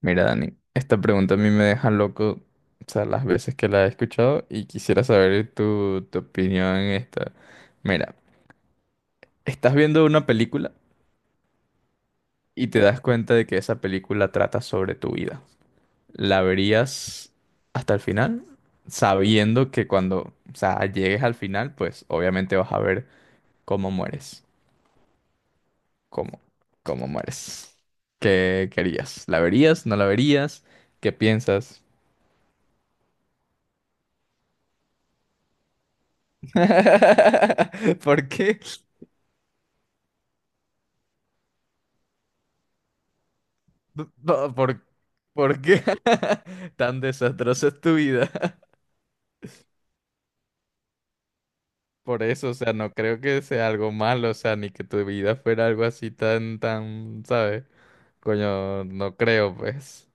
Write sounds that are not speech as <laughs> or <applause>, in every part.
Mira, Dani, esta pregunta a mí me deja loco, o sea, las veces que la he escuchado y quisiera saber tu opinión en esta. Mira, estás viendo una película y te das cuenta de que esa película trata sobre tu vida. ¿La verías hasta el final? Sabiendo que cuando, o sea, llegues al final, pues obviamente vas a ver cómo mueres. ¿Cómo? ¿Cómo mueres? ¿Qué querías? ¿La verías? ¿No la verías? ¿Qué piensas? <laughs> ¿Por qué? No, ¿por qué <laughs> tan desastrosa es tu vida? <laughs> Por eso, o sea, no creo que sea algo malo, o sea, ni que tu vida fuera algo así tan, ¿sabes? Coño, no creo, pues.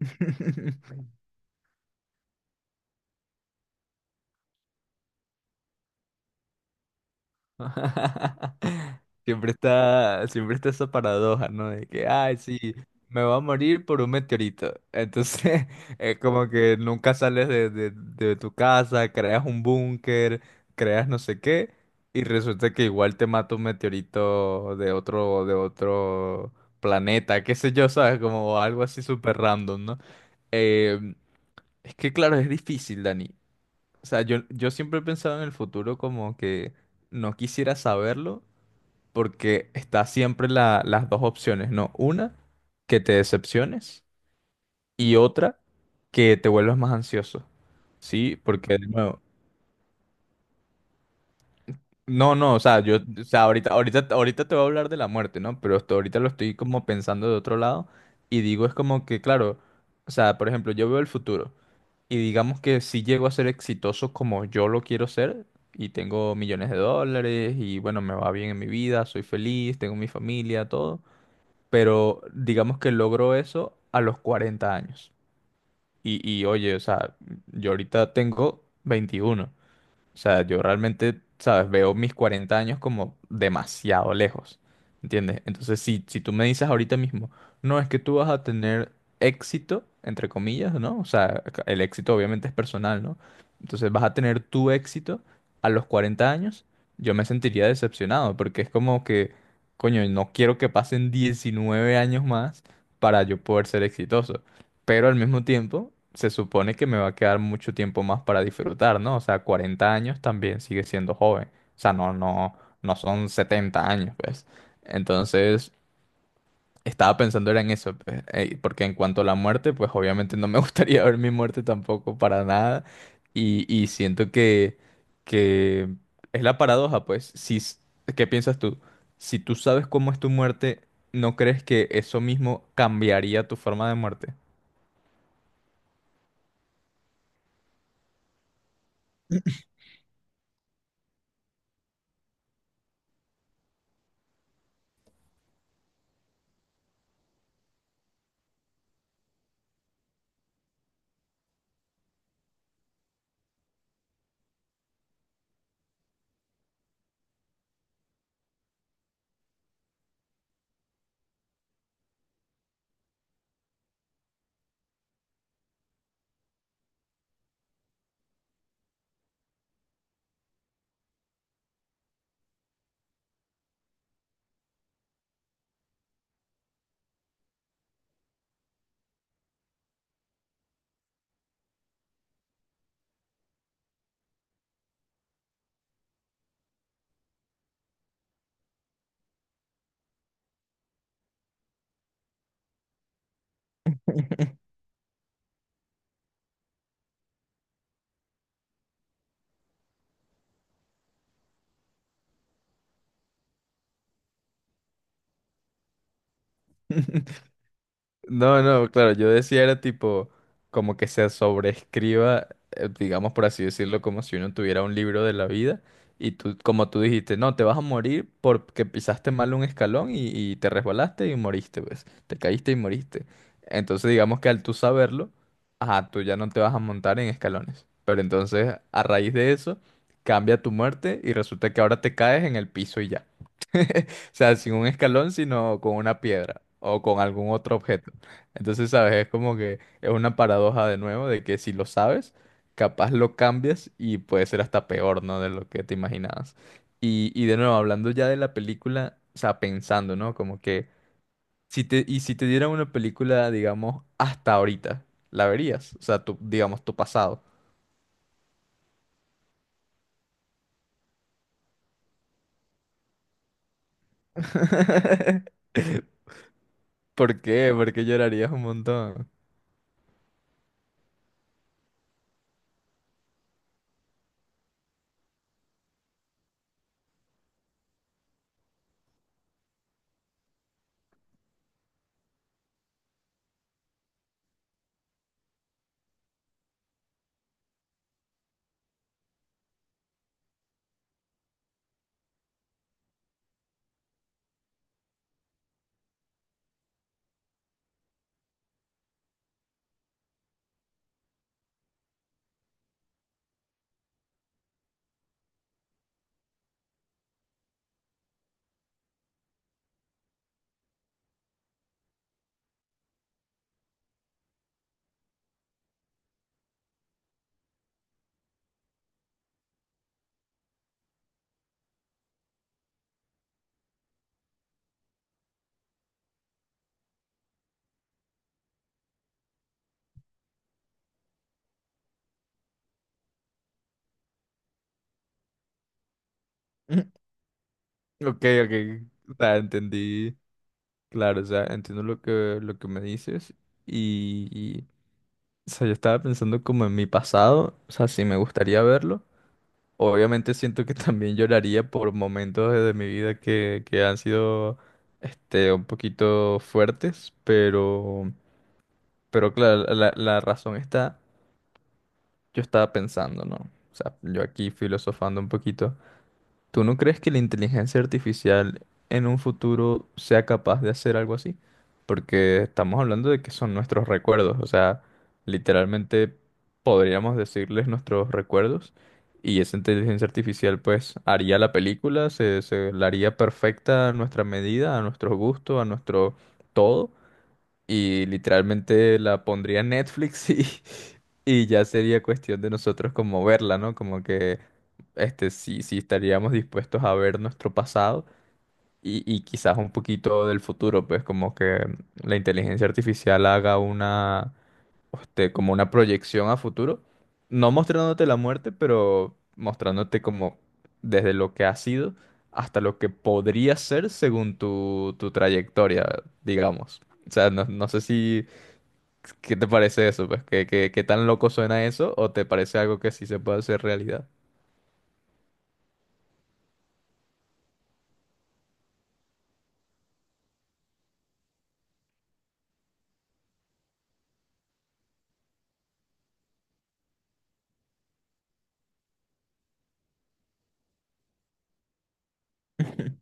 <laughs> <laughs> Siempre está esa paradoja, ¿no? De que, ay, sí, me voy a morir por un meteorito. Entonces, <laughs> es como que nunca sales de tu casa, creas un búnker, creas no sé qué, y resulta que igual te mata un meteorito de de otro planeta, qué sé yo, ¿sabes? Como algo así súper random, ¿no? Eh, es que, claro, es difícil, Dani. O sea, yo siempre he pensado en el futuro como que no quisiera saberlo porque está siempre las dos opciones, ¿no? Una, que te decepciones, y otra, que te vuelvas más ansioso. Sí, porque de nuevo, no, o sea, o sea, ahorita, ahorita te voy a hablar de la muerte, ¿no? Pero hasta ahorita lo estoy como pensando de otro lado y digo, es como que, claro, o sea, por ejemplo, yo veo el futuro y digamos que si llego a ser exitoso como yo lo quiero ser y tengo millones de dólares y bueno, me va bien en mi vida, soy feliz, tengo mi familia, todo, pero digamos que logro eso a los 40 años. Y oye, o sea, yo ahorita tengo 21. O sea, yo realmente, ¿sabes? Veo mis 40 años como demasiado lejos, ¿entiendes? Entonces, si tú me dices ahorita mismo, no es que tú vas a tener éxito, entre comillas, ¿no? O sea, el éxito obviamente es personal, ¿no? Entonces, vas a tener tu éxito a los 40 años, yo me sentiría decepcionado, porque es como que, coño, no quiero que pasen 19 años más para yo poder ser exitoso, pero al mismo tiempo se supone que me va a quedar mucho tiempo más para disfrutar, ¿no? O sea, 40 años también sigue siendo joven. O sea, no, no son 70 años, pues. Entonces, estaba pensando era en eso, pues, porque en cuanto a la muerte, pues obviamente no me <laughs> gustaría ver mi muerte tampoco para nada. Y siento que es la paradoja, pues. Si, s- ¿Qué piensas tú? Si tú sabes cómo es tu muerte, ¿no crees que eso mismo cambiaría tu forma de muerte? <laughs> No, no, claro, yo decía era tipo como que se sobreescriba, digamos por así decirlo, como si uno tuviera un libro de la vida y tú, como tú dijiste, no, te vas a morir porque pisaste mal un escalón y te resbalaste y moriste, pues, te caíste y moriste. Entonces digamos que al tú saberlo, ajá, tú ya no te vas a montar en escalones. Pero entonces a raíz de eso cambia tu muerte y resulta que ahora te caes en el piso y ya. <laughs> O sea, sin un escalón, sino con una piedra o con algún otro objeto. Entonces, ¿sabes? Es como que es una paradoja de nuevo de que si lo sabes, capaz lo cambias y puede ser hasta peor, ¿no? De lo que te imaginabas. Y de nuevo, hablando ya de la película, o sea, pensando, ¿no? Como que y si te dieran una película, digamos, hasta ahorita, ¿la verías? O sea, digamos, tu pasado. <laughs> ¿Por qué? Porque llorarías un montón. <laughs> Ok, ok. O sea, entendí. Claro, o sea, entiendo lo lo que me dices. O sea, yo estaba pensando como en mi pasado, o sea, si me gustaría verlo. Obviamente siento que <laughs> también lloraría por momentos de mi vida que han sido este, un poquito fuertes, pero claro, la razón está, yo estaba pensando, ¿no? O sea, yo aquí filosofando un poquito. ¿Tú no crees que la inteligencia artificial en un futuro sea capaz de hacer algo así? Porque estamos hablando de que son nuestros recuerdos, o sea, literalmente podríamos decirles nuestros recuerdos y esa inteligencia artificial pues haría la película, se la haría perfecta a nuestra medida, a nuestro gusto, a nuestro todo y literalmente la pondría en Netflix y, <laughs> y ya sería cuestión de nosotros como verla, ¿no? Como que este, sí, sí estaríamos dispuestos a ver nuestro pasado y quizás un poquito del futuro, pues como que la inteligencia artificial haga una, este, como una proyección a futuro, no mostrándote la muerte, pero mostrándote como desde lo que ha sido hasta lo que podría ser según tu trayectoria, digamos. O sea, no, no sé si ¿qué te parece eso, pues? ¿Qué, qué, qué tan loco suena eso? ¿O te parece algo que sí se puede hacer realidad? <laughs>